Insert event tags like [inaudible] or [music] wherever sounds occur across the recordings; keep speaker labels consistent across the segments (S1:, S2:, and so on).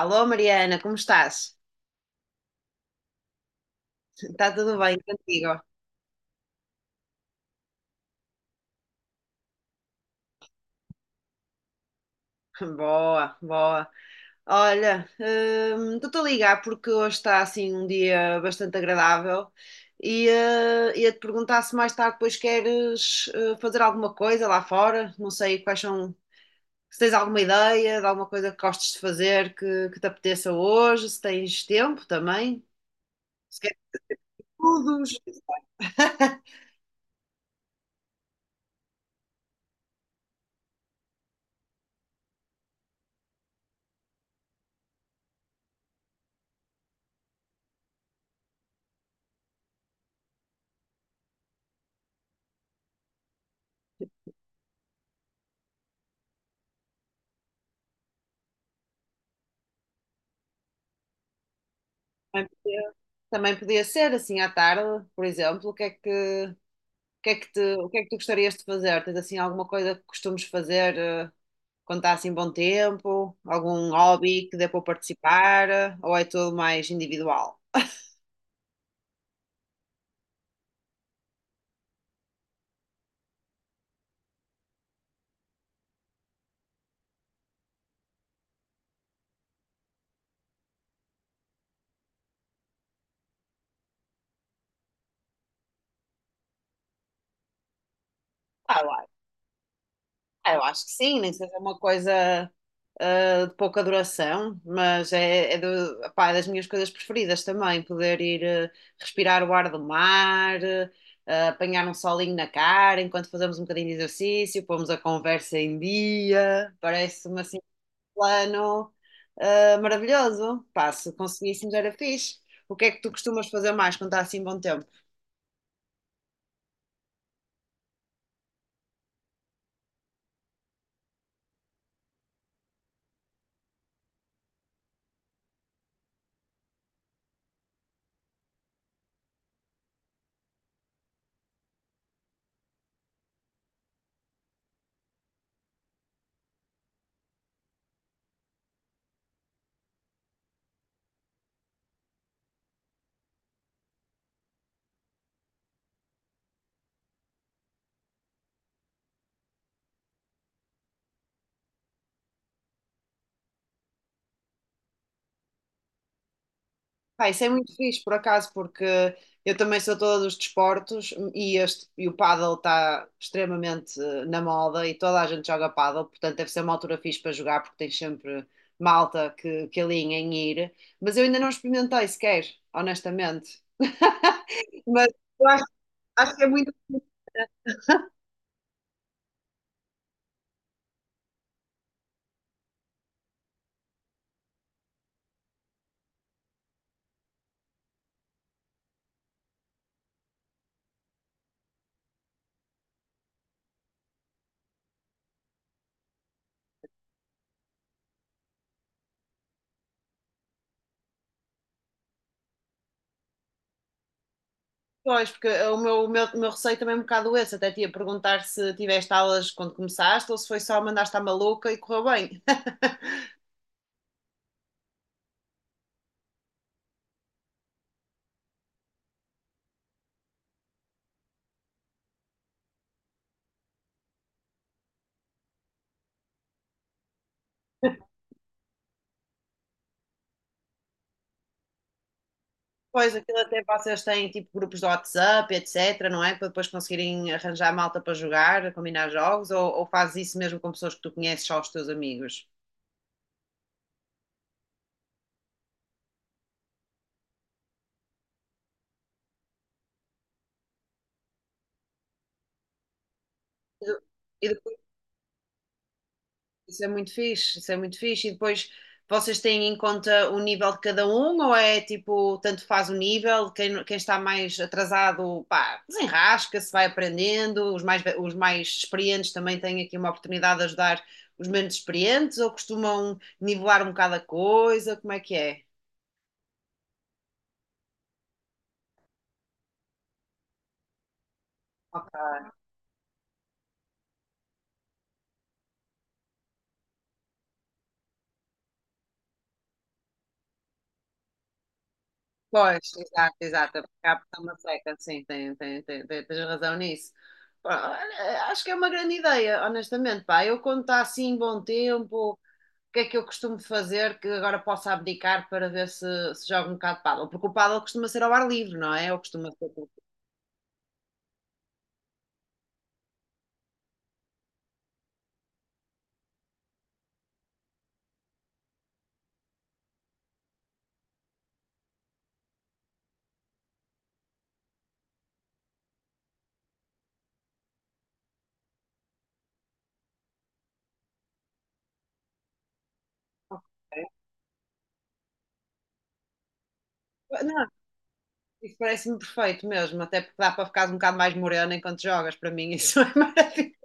S1: Alô, Mariana, como estás? Está tudo bem contigo? Boa, boa. Olha, estou-te a ligar porque hoje está assim um dia bastante agradável e ia-te perguntar se mais tarde depois queres fazer alguma coisa lá fora. Não sei quais são, se tens alguma ideia de alguma coisa que gostes de fazer que te apeteça hoje, se tens tempo também, se queres todos. [laughs] Também podia Também podia ser assim à tarde, por exemplo. O que é que o que é que tu gostarias de fazer? Tens assim alguma coisa que costumes fazer quando está assim bom tempo? Algum hobby que dê para participar? Eh, ou é tudo mais individual? Ah, eu acho ah, eu acho que sim, nem que seja uma coisa de pouca duração, mas é pá, é das minhas coisas preferidas também, poder ir respirar o ar do mar, apanhar um solinho na cara enquanto fazemos um bocadinho de exercício, pomos a conversa em dia, parece-me assim plano ah, maravilhoso. Pá, se conseguíssemos era fixe. O que é que tu costumas fazer mais quando está assim bom tempo? Pá, isso é muito fixe, por acaso, porque eu também sou toda dos desportos e, este, e o pádel está extremamente na moda e toda a gente joga pádel, portanto deve ser uma altura fixe para jogar porque tem sempre malta que alinha em ir. Mas eu ainda não experimentei sequer, honestamente. [laughs] Mas eu acho, acho que é muito. Pois, porque o meu receio também é um bocado esse. Até te ia perguntar se tiveste aulas quando começaste ou se foi só mandaste à maluca e correu bem. [laughs] Pois, aquilo até vocês têm tipo grupos de WhatsApp, etc, não é? Para depois conseguirem arranjar malta para jogar, combinar jogos, ou fazes isso mesmo com pessoas que tu conheces, só os teus amigos? E isso é muito fixe, E depois vocês têm em conta o nível de cada um, ou é tipo, tanto faz o nível, quem está mais atrasado, pá, desenrasca-se, vai aprendendo, os mais, os mais experientes também têm aqui uma oportunidade de ajudar os menos experientes, ou costumam nivelar um bocado a coisa, como é que é? Ok. Pois, exato, cá está uma seca, sim, tens razão nisso. Pá, olha, acho que é uma grande ideia, honestamente, pá, eu quando está assim, bom tempo. O que é que eu costumo fazer que agora possa abdicar para ver se jogo um bocado de pádel? Porque o pádel costuma ser ao ar livre, não é? Ou costuma ser... Não, isso parece-me perfeito mesmo, até porque dá para ficar um bocado mais morena enquanto jogas, para mim isso [laughs] é maravilhoso.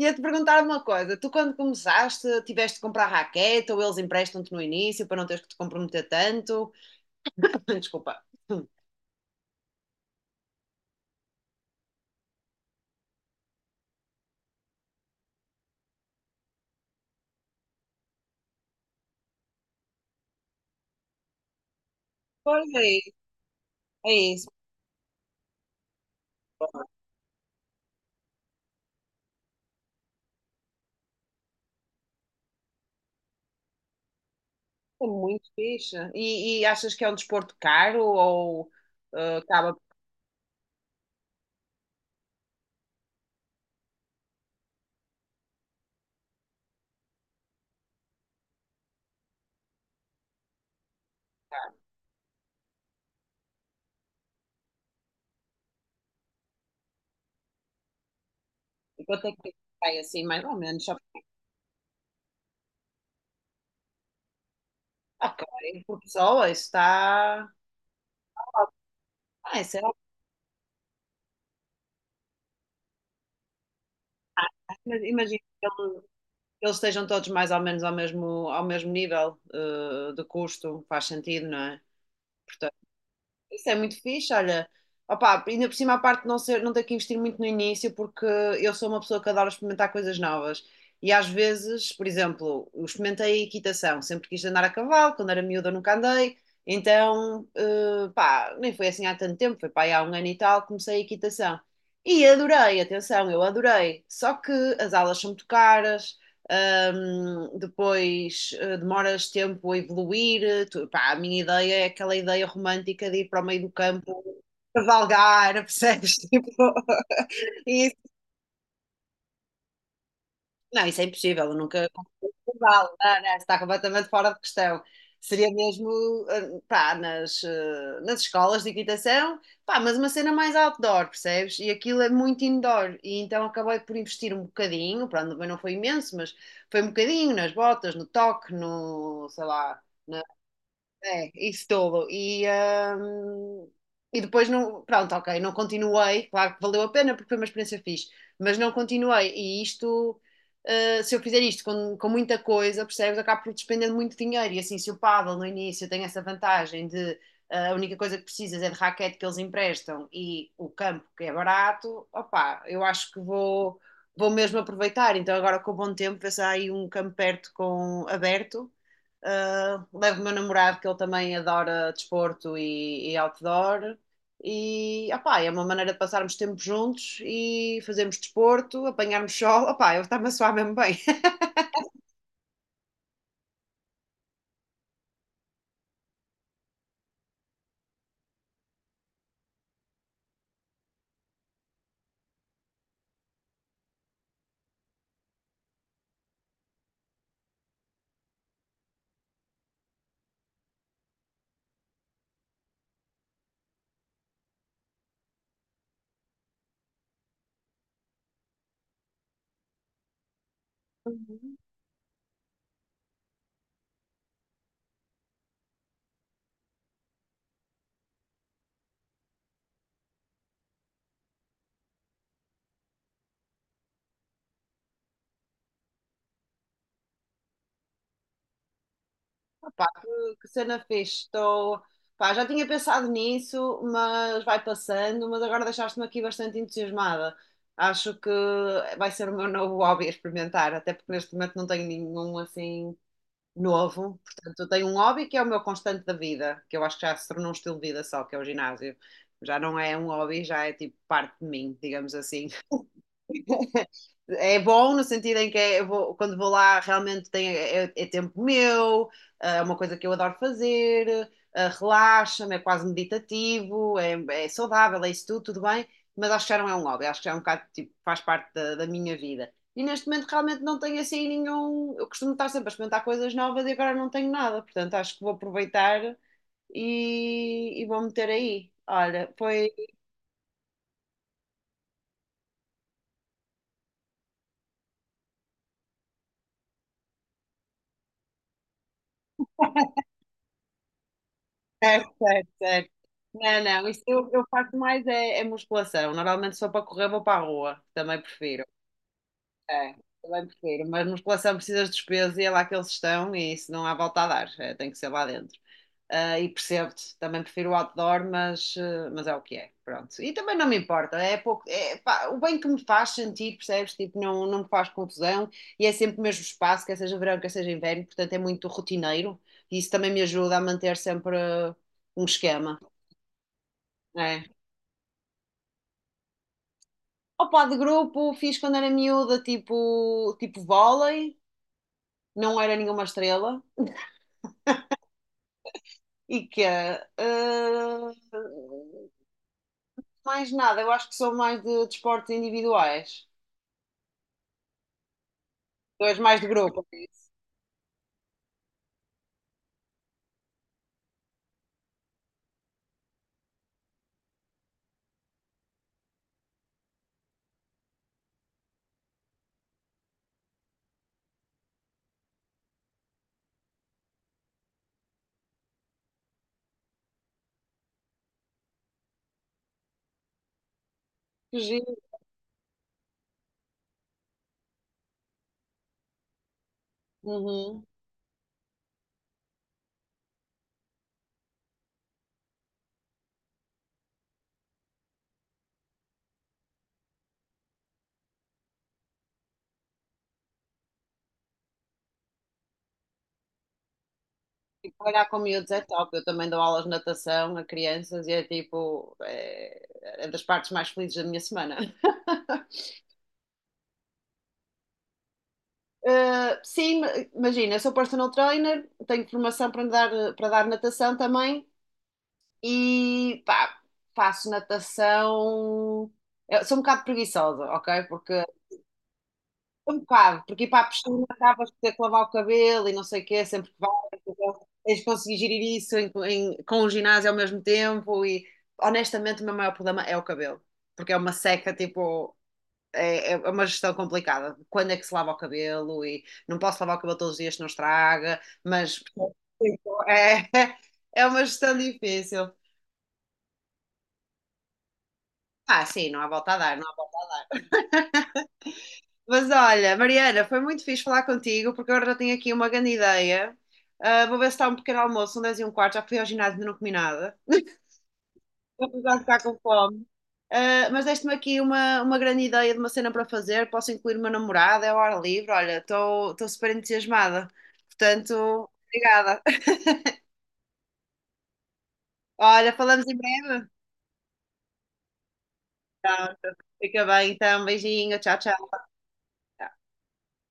S1: Ia-te perguntar uma coisa, tu quando começaste, tiveste de comprar raquete ou eles emprestam-te no início para não teres que te comprometer tanto? [laughs] Desculpa. Pois é, isso, é isso. É muito fixe. E achas que é um desporto caro ou acaba eu tenho que ficar assim, mais ou menos, só ok, por pessoa, isso está. Ah, isso é ok, mas imagino que eles estejam todos mais ou menos ao mesmo nível de custo, faz sentido, não é? Isso é muito fixe, olha. Opa, ainda por cima a parte de não ser, não ter que investir muito no início, porque eu sou uma pessoa que adora experimentar coisas novas. E às vezes, por exemplo, eu experimentei equitação, sempre quis andar a cavalo, quando era miúda nunca andei, então, pá, nem foi assim há tanto tempo, foi pá, aí há um ano e tal, comecei a equitação. E adorei, atenção, eu adorei. Só que as aulas são muito caras, um, depois demoras tempo a evoluir. Pá, a minha ideia é aquela ideia romântica de ir para o meio do campo cavalgar, percebes? Tipo, [laughs] isso. Não, isso é impossível, eu nunca não vale, não, não, está completamente fora de questão. Seria mesmo, pá, nas escolas de equitação, pá, mas uma cena mais outdoor, percebes? E aquilo é muito indoor, e então acabei por investir um bocadinho, pronto, também não foi imenso, mas foi um bocadinho nas botas, no toque, no, sei lá, é, isso dolo. Hum, e depois não, pronto, ok, não continuei, claro que valeu a pena porque foi uma experiência fixe, mas não continuei. E isto, se eu fizer isto com muita coisa, percebes, acabo por despender muito dinheiro. E assim, se o pádel no início tem essa vantagem de a única coisa que precisas é de raquete que eles emprestam e o campo que é barato, opá, eu acho que vou mesmo aproveitar. Então agora com o bom tempo, ver se há aí um campo perto aberto. Levo o meu namorado, que ele também adora desporto e outdoor. E opá, é uma maneira de passarmos tempo juntos e fazermos desporto, apanharmos sol. Opá, eu estava a suar mesmo bem. [laughs] Uhum. Opá, que cena fixe. Estou, pá, já tinha pensado nisso, mas vai passando. Mas agora deixaste-me aqui bastante entusiasmada. Acho que vai ser o meu novo hobby a experimentar, até porque neste momento não tenho nenhum assim novo. Portanto, eu tenho um hobby que é o meu constante da vida, que eu acho que já se tornou um estilo de vida só, que é o ginásio. Já não é um hobby, já é tipo parte de mim, digamos assim. É bom no sentido em que é, quando vou lá realmente tem, é tempo meu, é uma coisa que eu adoro fazer, relaxa-me, é quase meditativo, é, é saudável, é isso tudo, tudo bem, mas acho que já não é um hobby, acho que já é um bocado, tipo, faz parte da minha vida. E neste momento realmente não tenho assim nenhum. Eu costumo estar sempre a experimentar coisas novas e agora não tenho nada, portanto acho que vou aproveitar e vou meter aí. Olha, foi certo, certo, certo. Não, não, isso eu faço mais é musculação. Normalmente só para correr vou para a rua, também prefiro. É, também prefiro, mas musculação precisas de despesa e é lá que eles estão e isso não há volta a dar, é, tem que ser lá dentro. Ah, e percebo-te, também prefiro o outdoor, mas, mas é o que é, pronto. E também não me importa, é pouco, é, pá, o bem que me faz sentir, percebes? Tipo, não, não me faz confusão e é sempre o mesmo espaço, quer seja verão, quer seja inverno, portanto é muito rotineiro e isso também me ajuda a manter sempre um esquema. É. Opa, de grupo fiz quando era miúda, tipo, tipo vôlei, não era nenhuma estrela. E que é, ah, mais nada, eu acho que sou mais de desportos individuais. Tu és mais de grupo, é isso? Que giro. Uhum. E trabalhar com miúdos é top. Eu também dou aulas de natação a crianças e é tipo, é, é das partes mais felizes da minha semana. Sim, imagina, eu sou personal trainer, tenho formação para dar natação também e pá, faço natação. Eu sou um bocado preguiçosa, ok? Porque um bocado, porque ir para a piscina acabas por ter que lavar o cabelo e não sei o quê, sempre que vais, então tens de conseguir gerir isso com o ginásio ao mesmo tempo e honestamente o meu maior problema é o cabelo, porque é uma seca, tipo, é uma gestão complicada. Quando é que se lava o cabelo e não posso lavar o cabelo todos os dias, não estraga, mas tipo, é, [laughs] é uma gestão difícil. Ah, sim, não há volta a dar, não há volta a dar. Mas olha, Mariana, foi muito fixe falar contigo, porque agora já tenho aqui uma grande ideia. Ah, vou ver se está um pequeno almoço, são 10h15, já fui ao ginásio e ainda não comi nada. Vou precisar ficar com fome. Ah, mas deste-me aqui uma grande ideia de uma cena para fazer, posso incluir uma namorada, é ao ar livre, olha, estou super entusiasmada. Portanto, obrigada. [laughs] Olha, falamos em breve. Tá, fica bem então, beijinho, tchau, tchau.